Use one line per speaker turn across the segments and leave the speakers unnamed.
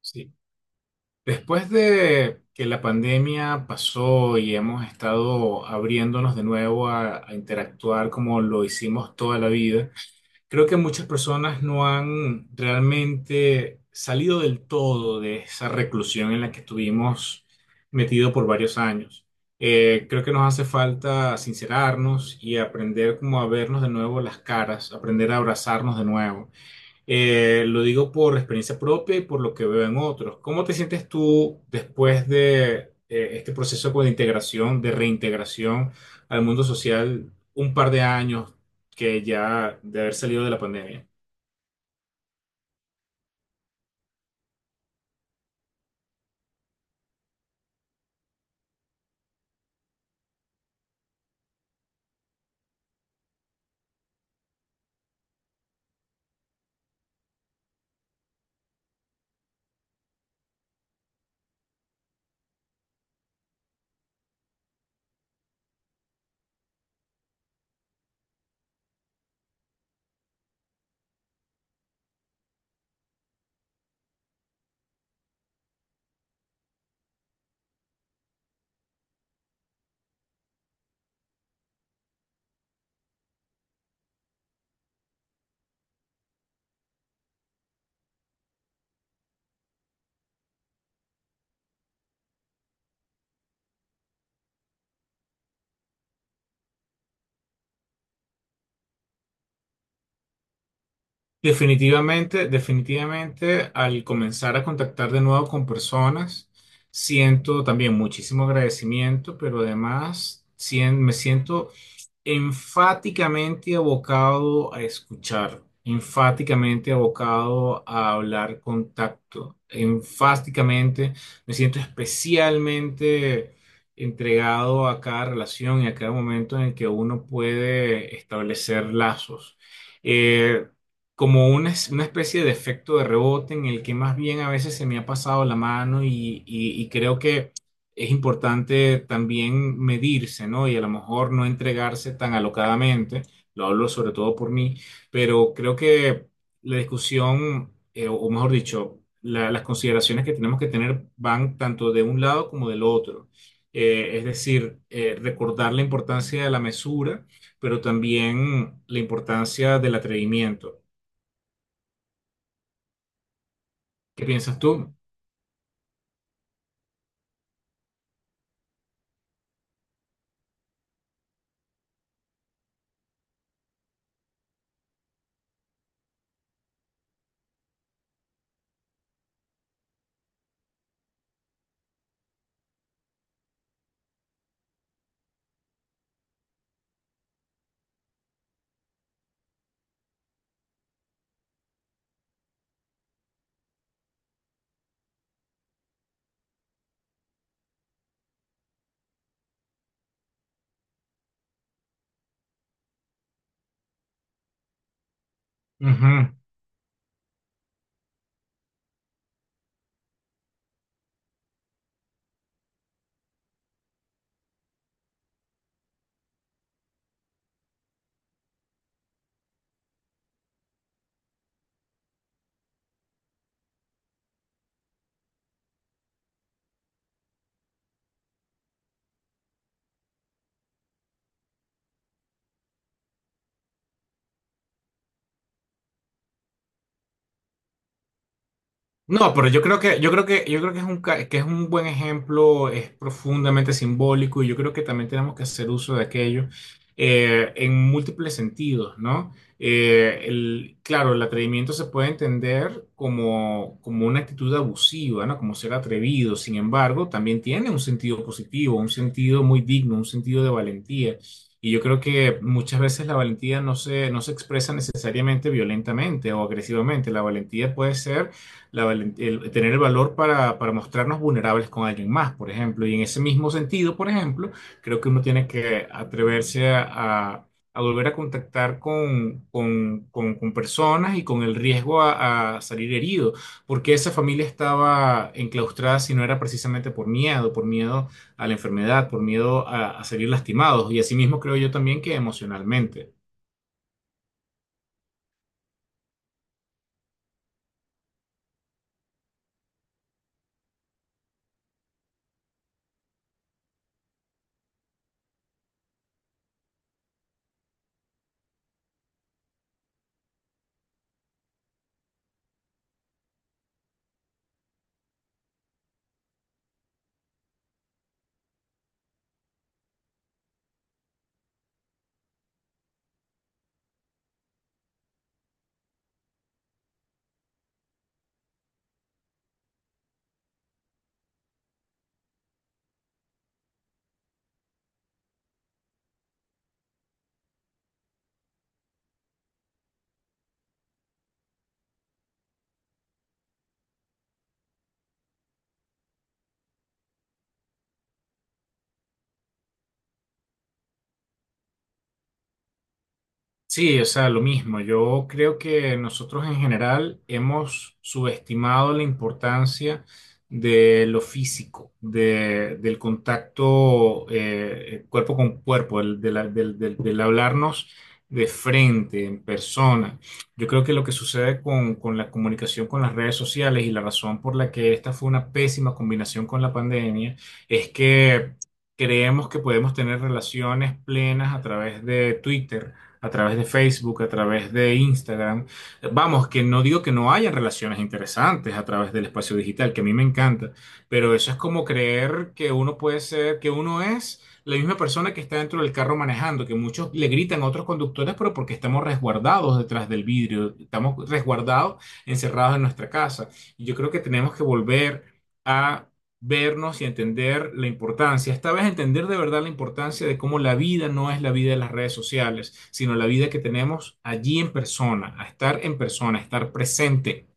Sí. Después de que la pandemia pasó y hemos estado abriéndonos de nuevo a interactuar como lo hicimos toda la vida, creo que muchas personas no han realmente salido del todo de esa reclusión en la que estuvimos metidos por varios años. Creo que nos hace falta sincerarnos y aprender como a vernos de nuevo las caras, aprender a abrazarnos de nuevo. Lo digo por experiencia propia y por lo que veo en otros. ¿Cómo te sientes tú después de este proceso como de integración, de reintegración al mundo social, un par de años que ya de haber salido de la pandemia? Definitivamente, definitivamente, al comenzar a contactar de nuevo con personas, siento también muchísimo agradecimiento, pero además me siento enfáticamente abocado a escuchar, enfáticamente abocado a hablar con tacto, enfáticamente me siento especialmente entregado a cada relación y a cada momento en el que uno puede establecer lazos. Eh, Como una, una especie de efecto de rebote en el que más bien a veces se me ha pasado la mano y, y creo que es importante también medirse, ¿no? Y a lo mejor no entregarse tan alocadamente, lo hablo sobre todo por mí, pero creo que la discusión, o mejor dicho, las consideraciones que tenemos que tener van tanto de un lado como del otro. Es decir, recordar la importancia de la mesura, pero también la importancia del atrevimiento. ¿Qué piensas tú? Ujú. No, pero yo creo que es que es un buen ejemplo, es profundamente simbólico y yo creo que también tenemos que hacer uso de aquello en múltiples sentidos, ¿no? Claro, el atrevimiento se puede entender como, como una actitud abusiva, ¿no? Como ser atrevido, sin embargo, también tiene un sentido positivo, un sentido muy digno, un sentido de valentía. Y yo creo que muchas veces la valentía no se expresa necesariamente violentamente o agresivamente, la valentía puede ser tener el valor para mostrarnos vulnerables con alguien más, por ejemplo. Y en ese mismo sentido, por ejemplo, creo que uno tiene que atreverse a volver a contactar con personas y con el riesgo a salir herido, porque esa familia estaba enclaustrada si no era precisamente por miedo a la enfermedad, por miedo a salir lastimados. Y asimismo creo yo también que emocionalmente. Sí, o sea, lo mismo. Yo creo que nosotros en general hemos subestimado la importancia de lo físico, del contacto cuerpo con cuerpo, el- de la- del, del- del hablarnos de frente, en persona. Yo creo que lo que sucede con la comunicación con las redes sociales y la razón por la que esta fue una pésima combinación con la pandemia es que creemos que podemos tener relaciones plenas a través de Twitter, a través de Facebook, a través de Instagram. Vamos, que no digo que no haya relaciones interesantes a través del espacio digital, que a mí me encanta, pero eso es como creer que uno puede ser, que uno es la misma persona que está dentro del carro manejando, que muchos le gritan a otros conductores, pero porque estamos resguardados detrás del vidrio, estamos resguardados, encerrados en nuestra casa. Y yo creo que tenemos que volver a vernos y entender la importancia, esta vez entender de verdad la importancia de cómo la vida no es la vida de las redes sociales, sino la vida que tenemos allí en persona, a estar en persona, a estar presente.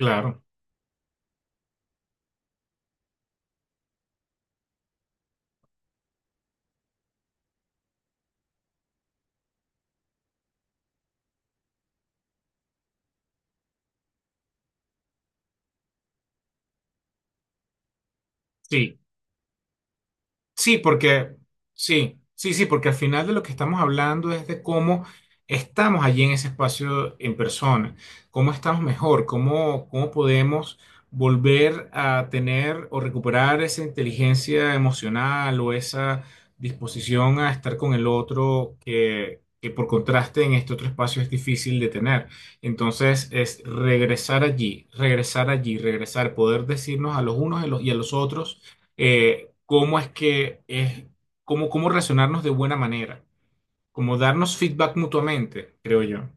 Claro, sí. Sí, porque sí, porque al final de lo que estamos hablando es de cómo estamos allí en ese espacio en persona, cómo estamos mejor, cómo, cómo podemos volver a tener o recuperar esa inteligencia emocional o esa disposición a estar con el otro que por contraste en este otro espacio es difícil de tener. Entonces es regresar allí, regresar allí, regresar, poder decirnos a los unos y a los otros cómo es que es, cómo, cómo relacionarnos de buena manera, cómo darnos feedback mutuamente, creo yo.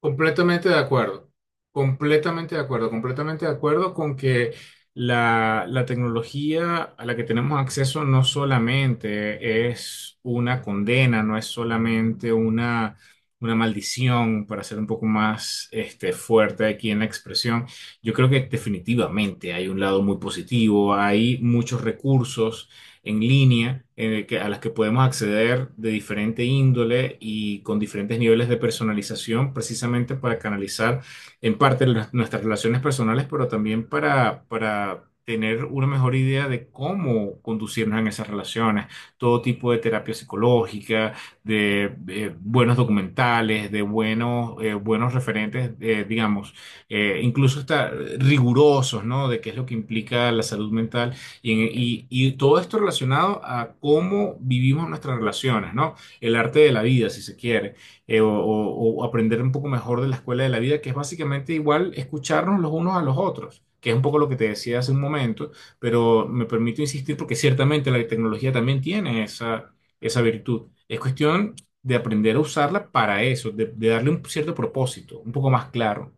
Completamente de acuerdo, completamente de acuerdo, completamente de acuerdo con que la tecnología a la que tenemos acceso no solamente es una condena, no es solamente una maldición, para ser un poco más este, fuerte aquí en la expresión. Yo creo que definitivamente hay un lado muy positivo, hay muchos recursos en línea a las que podemos acceder de diferente índole y con diferentes niveles de personalización, precisamente para canalizar en parte nuestras relaciones personales, pero también para tener una mejor idea de cómo conducirnos en esas relaciones, todo tipo de terapia psicológica, de buenos documentales, de buenos, buenos referentes, digamos, incluso hasta rigurosos, ¿no? De qué es lo que implica la salud mental y todo esto relacionado a cómo vivimos nuestras relaciones, ¿no? El arte de la vida, si se quiere, o, o aprender un poco mejor de la escuela de la vida, que es básicamente igual escucharnos los unos a los otros, que es un poco lo que te decía hace un momento, pero me permito insistir porque ciertamente la tecnología también tiene esa, esa virtud. Es cuestión de aprender a usarla para eso, de darle un cierto propósito, un poco más claro.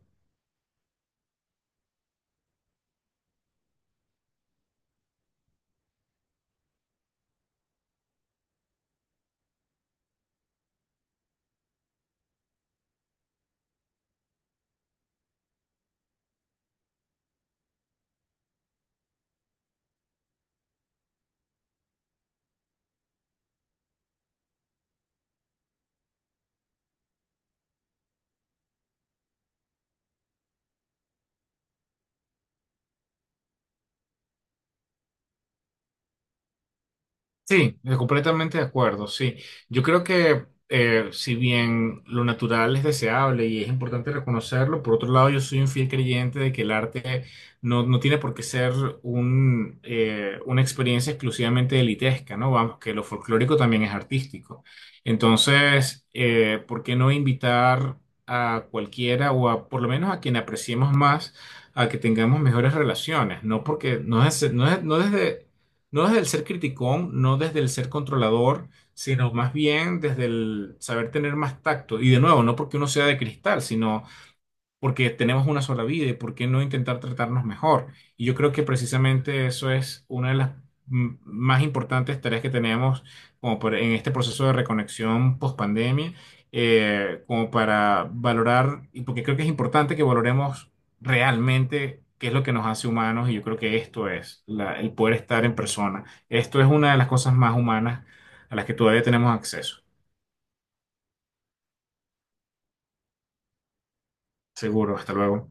Sí, completamente de acuerdo, sí. Yo creo que si bien lo natural es deseable y es importante reconocerlo, por otro lado yo soy un fiel creyente de que el arte no tiene por qué ser un, una experiencia exclusivamente elitesca, ¿no? Vamos, que lo folclórico también es artístico. Entonces, ¿por qué no invitar a cualquiera o a, por lo menos a quien apreciemos más a que tengamos mejores relaciones? No porque no desde, no desde el ser criticón, no desde el ser controlador, sino más bien desde el saber tener más tacto. Y de nuevo, no porque uno sea de cristal, sino porque tenemos una sola vida y por qué no intentar tratarnos mejor. Y yo creo que precisamente eso es una de las más importantes tareas que tenemos en este proceso de reconexión post pandemia, como para valorar, y porque creo que es importante que valoremos realmente qué es lo que nos hace humanos, y yo creo que esto es el poder estar en persona. Esto es una de las cosas más humanas a las que todavía tenemos acceso. Seguro, hasta luego.